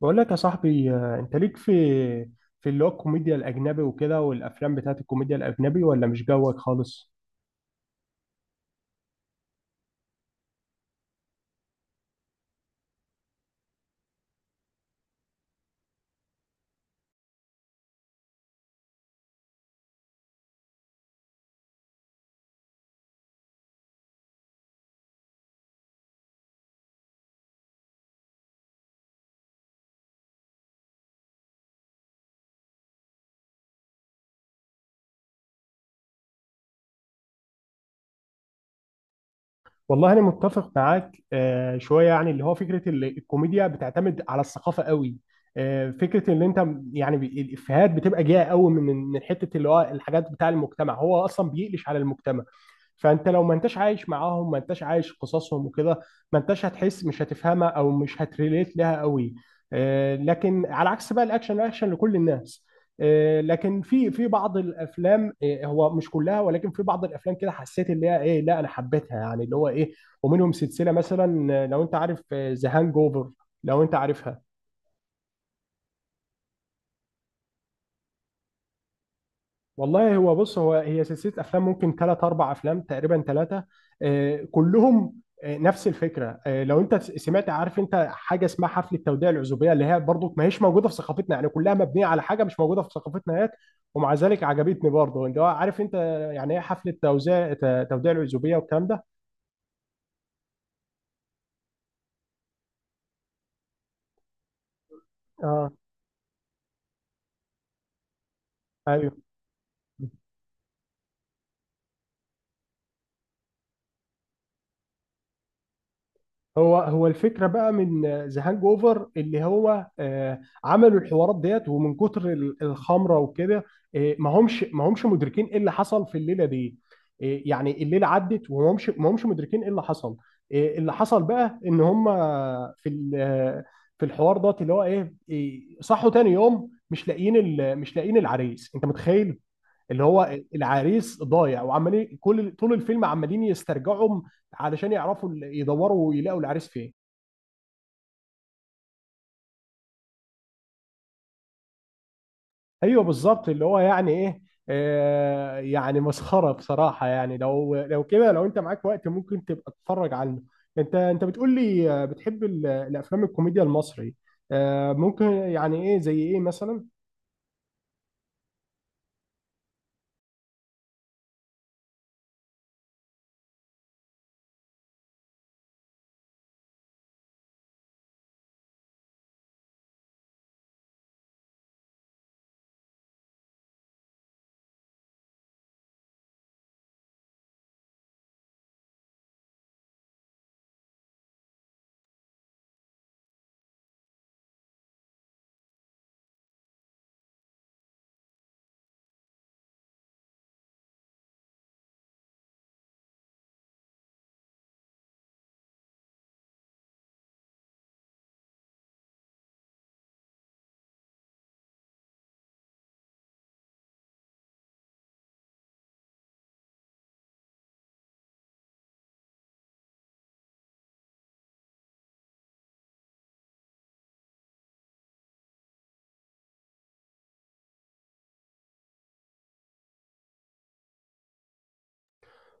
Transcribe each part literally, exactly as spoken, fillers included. بقول لك يا صاحبي، آه، انت ليك في في اللي هو الكوميديا الاجنبي وكده، والافلام بتاعت الكوميديا الاجنبي، ولا مش جوك خالص؟ والله انا متفق معاك آه، شويه، يعني اللي هو فكره ال- الكوميديا بتعتمد على الثقافه قوي. آه، فكره ان انت م- يعني بي- الافيهات بتبقى جايه قوي من من حته اللي هو الحاجات بتاع المجتمع، هو اصلا بيقلش على المجتمع. فانت لو ما انتش عايش معاهم، ما انتش عايش قصصهم وكده، ما انتش هتحس، مش هتفهمها او مش هتريليت لها قوي. آه، لكن على عكس بقى، الاكشن الاكشن لكل الناس. آه، لكن في في بعض الافلام، آه، هو مش كلها، ولكن في بعض الافلام كده حسيت اللي هي ايه، لا، انا حبيتها، يعني اللي هو ايه، ومنهم سلسله مثلا، آه، لو انت عارف ذا هانج اوفر، لو انت عارفها. والله هو بص، هو هي سلسلة أفلام، ممكن ثلاث أربع أفلام، تقريبا ثلاثة كلهم. آه، نفس الفكرة. آه، لو أنت س- سمعت، عارف أنت حاجة اسمها حفلة توديع العزوبية، اللي هي برضو ما هيش موجودة في ثقافتنا، يعني كلها مبنية على حاجة مش موجودة في ثقافتنا هيك، ومع ذلك عجبتني برضو. أنت عارف أنت يعني إيه حفلة توزيع ت- توديع العزوبية والكلام ده؟ أه، أيوه. هو هو الفكره بقى من ذا هانج اوفر، اللي هو آه، عملوا الحوارات ديت، ومن كتر ال- الخمره وكده، آه، ما همش ما همش مدركين ايه اللي حصل في الليله دي. آه، يعني الليله عدت، وما همش ما همش مدركين ايه اللي حصل. آه، اللي حصل بقى ان هم في ال- آه، في الحوار دوت اللي هو ايه. آه، صحوا تاني يوم، مش لاقيين ال- مش لاقيين العريس، انت متخيل؟ اللي هو العريس ضايع، وعمالين كل طول الفيلم عمالين يسترجعوا علشان يعرفوا، ال- يدوروا ويلاقوا العريس فين. ايوه بالظبط، اللي هو يعني ايه، آه، يعني مسخره بصراحه، يعني لو لو كده، لو انت معاك وقت، ممكن تبقى تتفرج عنه. انت انت بتقول لي آه، بتحب ال- الافلام الكوميديا المصري. آه، ممكن يعني ايه زي ايه مثلا؟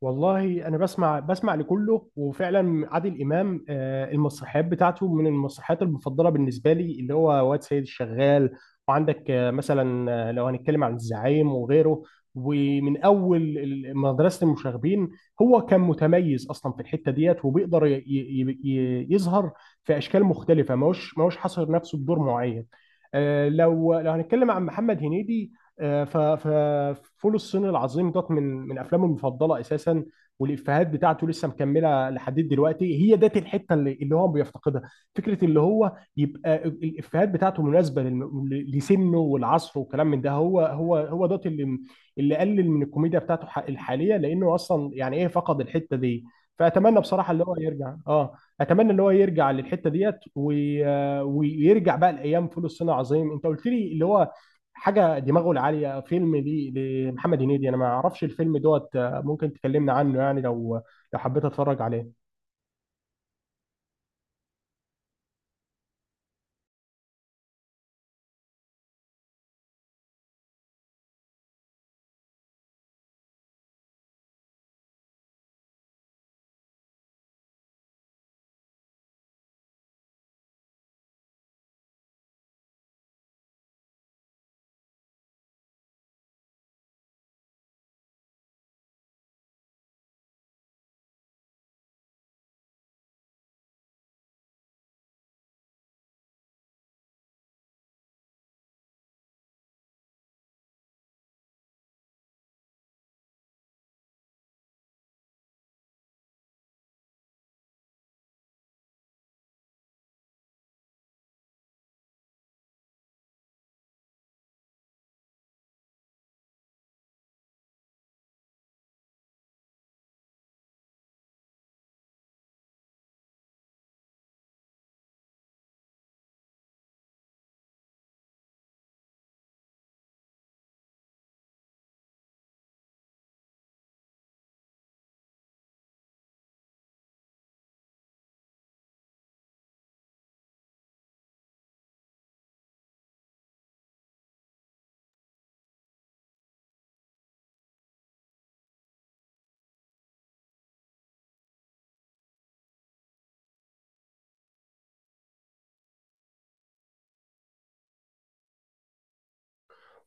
والله انا بسمع بسمع لكله، وفعلا عادل امام، آه، المسرحيات بتاعته من المسرحيات المفضله بالنسبه لي، اللي هو واد سيد الشغال. وعندك آه، مثلا، آه، لو هنتكلم عن الزعيم وغيره، ومن اول ال- مدرسه المشاغبين. هو كان متميز اصلا في الحته ديت، وبيقدر ي- ي- ي- يظهر في اشكال مختلفه. ماهوش ماهوش حاصر نفسه بدور معين. آه، لو لو هنتكلم عن محمد هنيدي، ففول الصين العظيم دوت من من افلامه المفضله اساسا، والافيهات بتاعته لسه مكمله لحد دلوقتي. هي ديت الحته اللي اللي هو بيفتقدها. فكره اللي هو يبقى ال- الافيهات بتاعته مناسبه للم- ل- لسنه والعصر وكلام من ده، هو هو هو دوت اللي اللي قلل من الكوميديا بتاعته ح- الحاليه، لانه اصلا يعني ايه فقد الحته دي. فاتمنى بصراحه اللي هو يرجع، اه. اتمنى اللي هو يرجع للحته ديت، وي- آه، ويرجع بقى لايام فول الصين العظيم. انت قلت لي اللي هو حاجه دماغه العاليه، فيلم لي لمحمد هنيدي، انا ما اعرفش الفيلم دوت. آه، ممكن تكلمنا عنه يعني، لو لو حبيت اتفرج عليه.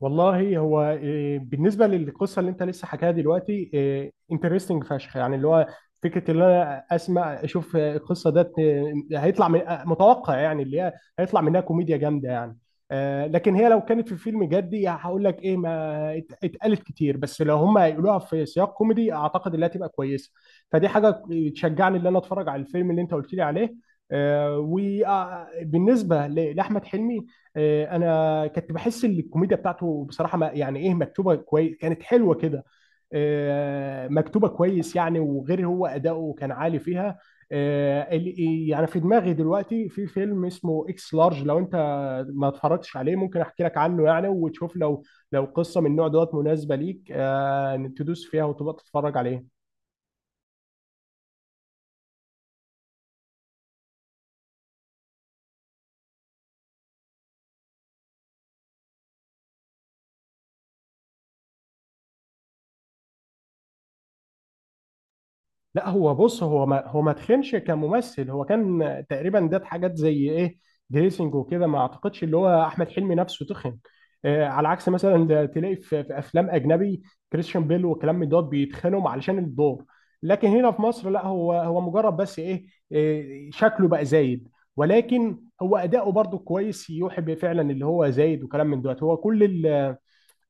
والله هو إيه، بالنسبه للقصه اللي انت لسه حكاها دلوقتي، انترستنج فشخ، يعني اللي هو فكره اللي انا اسمع، اشوف آه، القصه ده هيطلع من آه، متوقع، يعني اللي هي هيطلع منها كوميديا جامده، يعني. آه، لكن هي لو كانت في فيلم جدي، هقول لك ايه، ما ات- اتقالت كتير. بس لو هم هيقولوها في سياق كوميدي، اعتقد انها تبقى كويسه. فدي حاجه تشجعني ان انا اتفرج على الفيلم اللي انت قلت لي عليه. وبالنسبه لاحمد حلمي، آه، انا كنت بحس ان الكوميديا بتاعته بصراحه ما يعني ايه، مكتوبه كويس، كانت حلوه كده. آه، مكتوبه كويس يعني، وغير هو اداؤه كان عالي فيها. آه، ال- يعني في دماغي دلوقتي في فيلم اسمه اكس لارج، لو انت ما اتفرجتش عليه، ممكن احكي لك عنه يعني، وتشوف لو لو قصه من النوع دوت مناسبه ليك، آه، تدوس فيها وتبقى تتفرج عليه. لا هو بص، هو ما هو ما تخنش كممثل. هو كان تقريبا ده حاجات زي ايه، دريسنج وكده، ما اعتقدش اللي هو احمد حلمي نفسه تخن. آه على عكس مثلا، ده تلاقي في, في افلام اجنبي، كريستيان بيل والكلام من دوت، بيتخانهم علشان الدور. لكن هنا في مصر لا، هو هو مجرد بس ايه، آه، شكله بقى زايد، ولكن هو اداؤه برضو كويس، يوحي بفعلا اللي هو زايد وكلام من دوت. هو كل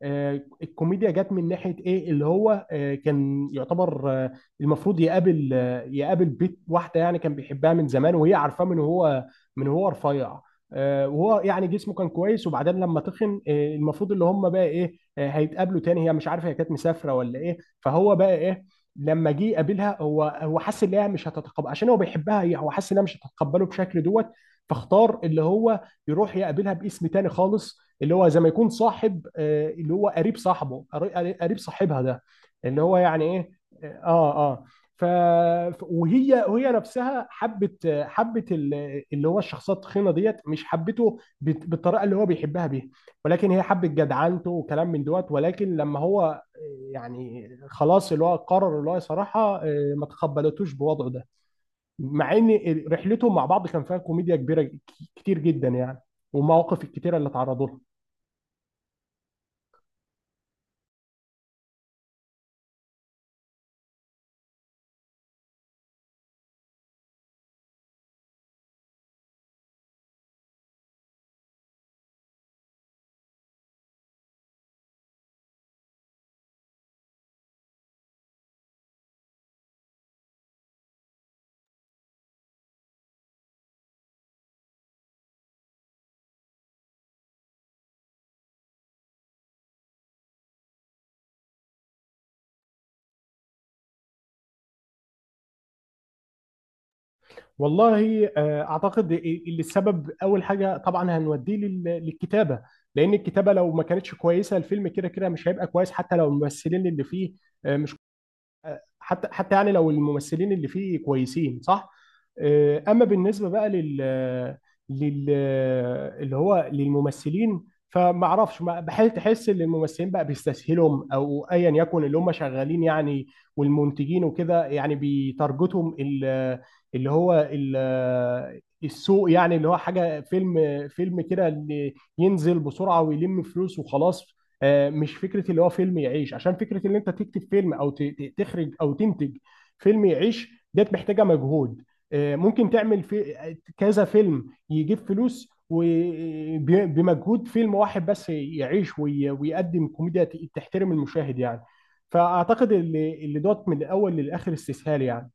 آه، الكوميديا جت من ناحيه ايه، اللي هو آه، كان يعتبر آه، المفروض يقابل آه، يقابل بيت واحده، يعني كان بيحبها من زمان، وهي عارفاه من هو من هو رفيع. آه، وهو يعني جسمه كان كويس، وبعدين لما تخن، آه، المفروض اللي هم بقى ايه، آه، هيتقابلوا تاني. هي مش عارفه، هي كانت مسافره ولا ايه. فهو بقى ايه، لما جه يقابلها، هو هو حس ان هي مش هتتقبل، عشان هو بيحبها هي، هو حس انها مش هتتقبله بشكل دوت. فاختار اللي هو يروح يقابلها باسم تاني خالص، اللي هو زي ما يكون صاحب، آه، اللي هو قريب صاحبه قري- قريب صاحبها ده، اللي هو يعني ايه، اه اه. آه. ف ف- وهي وهي نفسها حبت حبت ال- اللي هو الشخصيه التخينه ديت، مش حبته بت- بالطريقه اللي هو بيحبها بيها، ولكن هي حبت جدعنته وكلام من دوت. ولكن لما هو آه، يعني خلاص اللي هو قرر، اللي هو صراحه آه، ما تقبلتوش بوضعه ده، مع ان رحلتهم مع بعض كان فيها كوميديا كبيره، ك- كتير جدا يعني، والمواقف الكتيره اللي اتعرضوا لها. والله، آه، اعتقد إيه، اللي السبب اول حاجه طبعا هنوديه لل- للكتابه، لان الكتابه لو ما كانتش كويسه، الفيلم كده كده مش هيبقى كويس حتى لو الممثلين اللي فيه آه، حتى حتى يعني لو الممثلين اللي فيه كويسين، صح. آه، اما بالنسبه بقى لل لل اللي هو للممثلين، فما اعرفش، ما- بحيث تحس ان الممثلين بقى بيستسهلهم، او ايا يكن اللي هم شغالين يعني، والمنتجين وكده. يعني بيتارجتهم ال- اللي هو ال- السوق، يعني اللي هو حاجه فيلم فيلم كده، اللي ينزل بسرعه ويلم فلوس وخلاص. آه، مش فكره اللي هو فيلم يعيش، عشان فكره ان انت تكتب فيلم او ت- ت- تخرج او تنتج فيلم يعيش، ديت محتاجه مجهود. آه، ممكن تعمل في كذا فيلم يجيب فلوس، وبمجهود فيلم واحد بس يعيش وي- ويقدم كوميديا ت- تحترم المشاهد يعني. فاعتقد اللي اللي دوت من الاول للاخر استسهال يعني.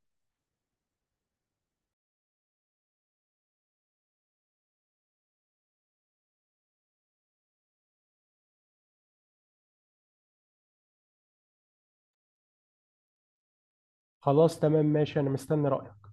خلاص تمام، ماشي، انا مستني رايك.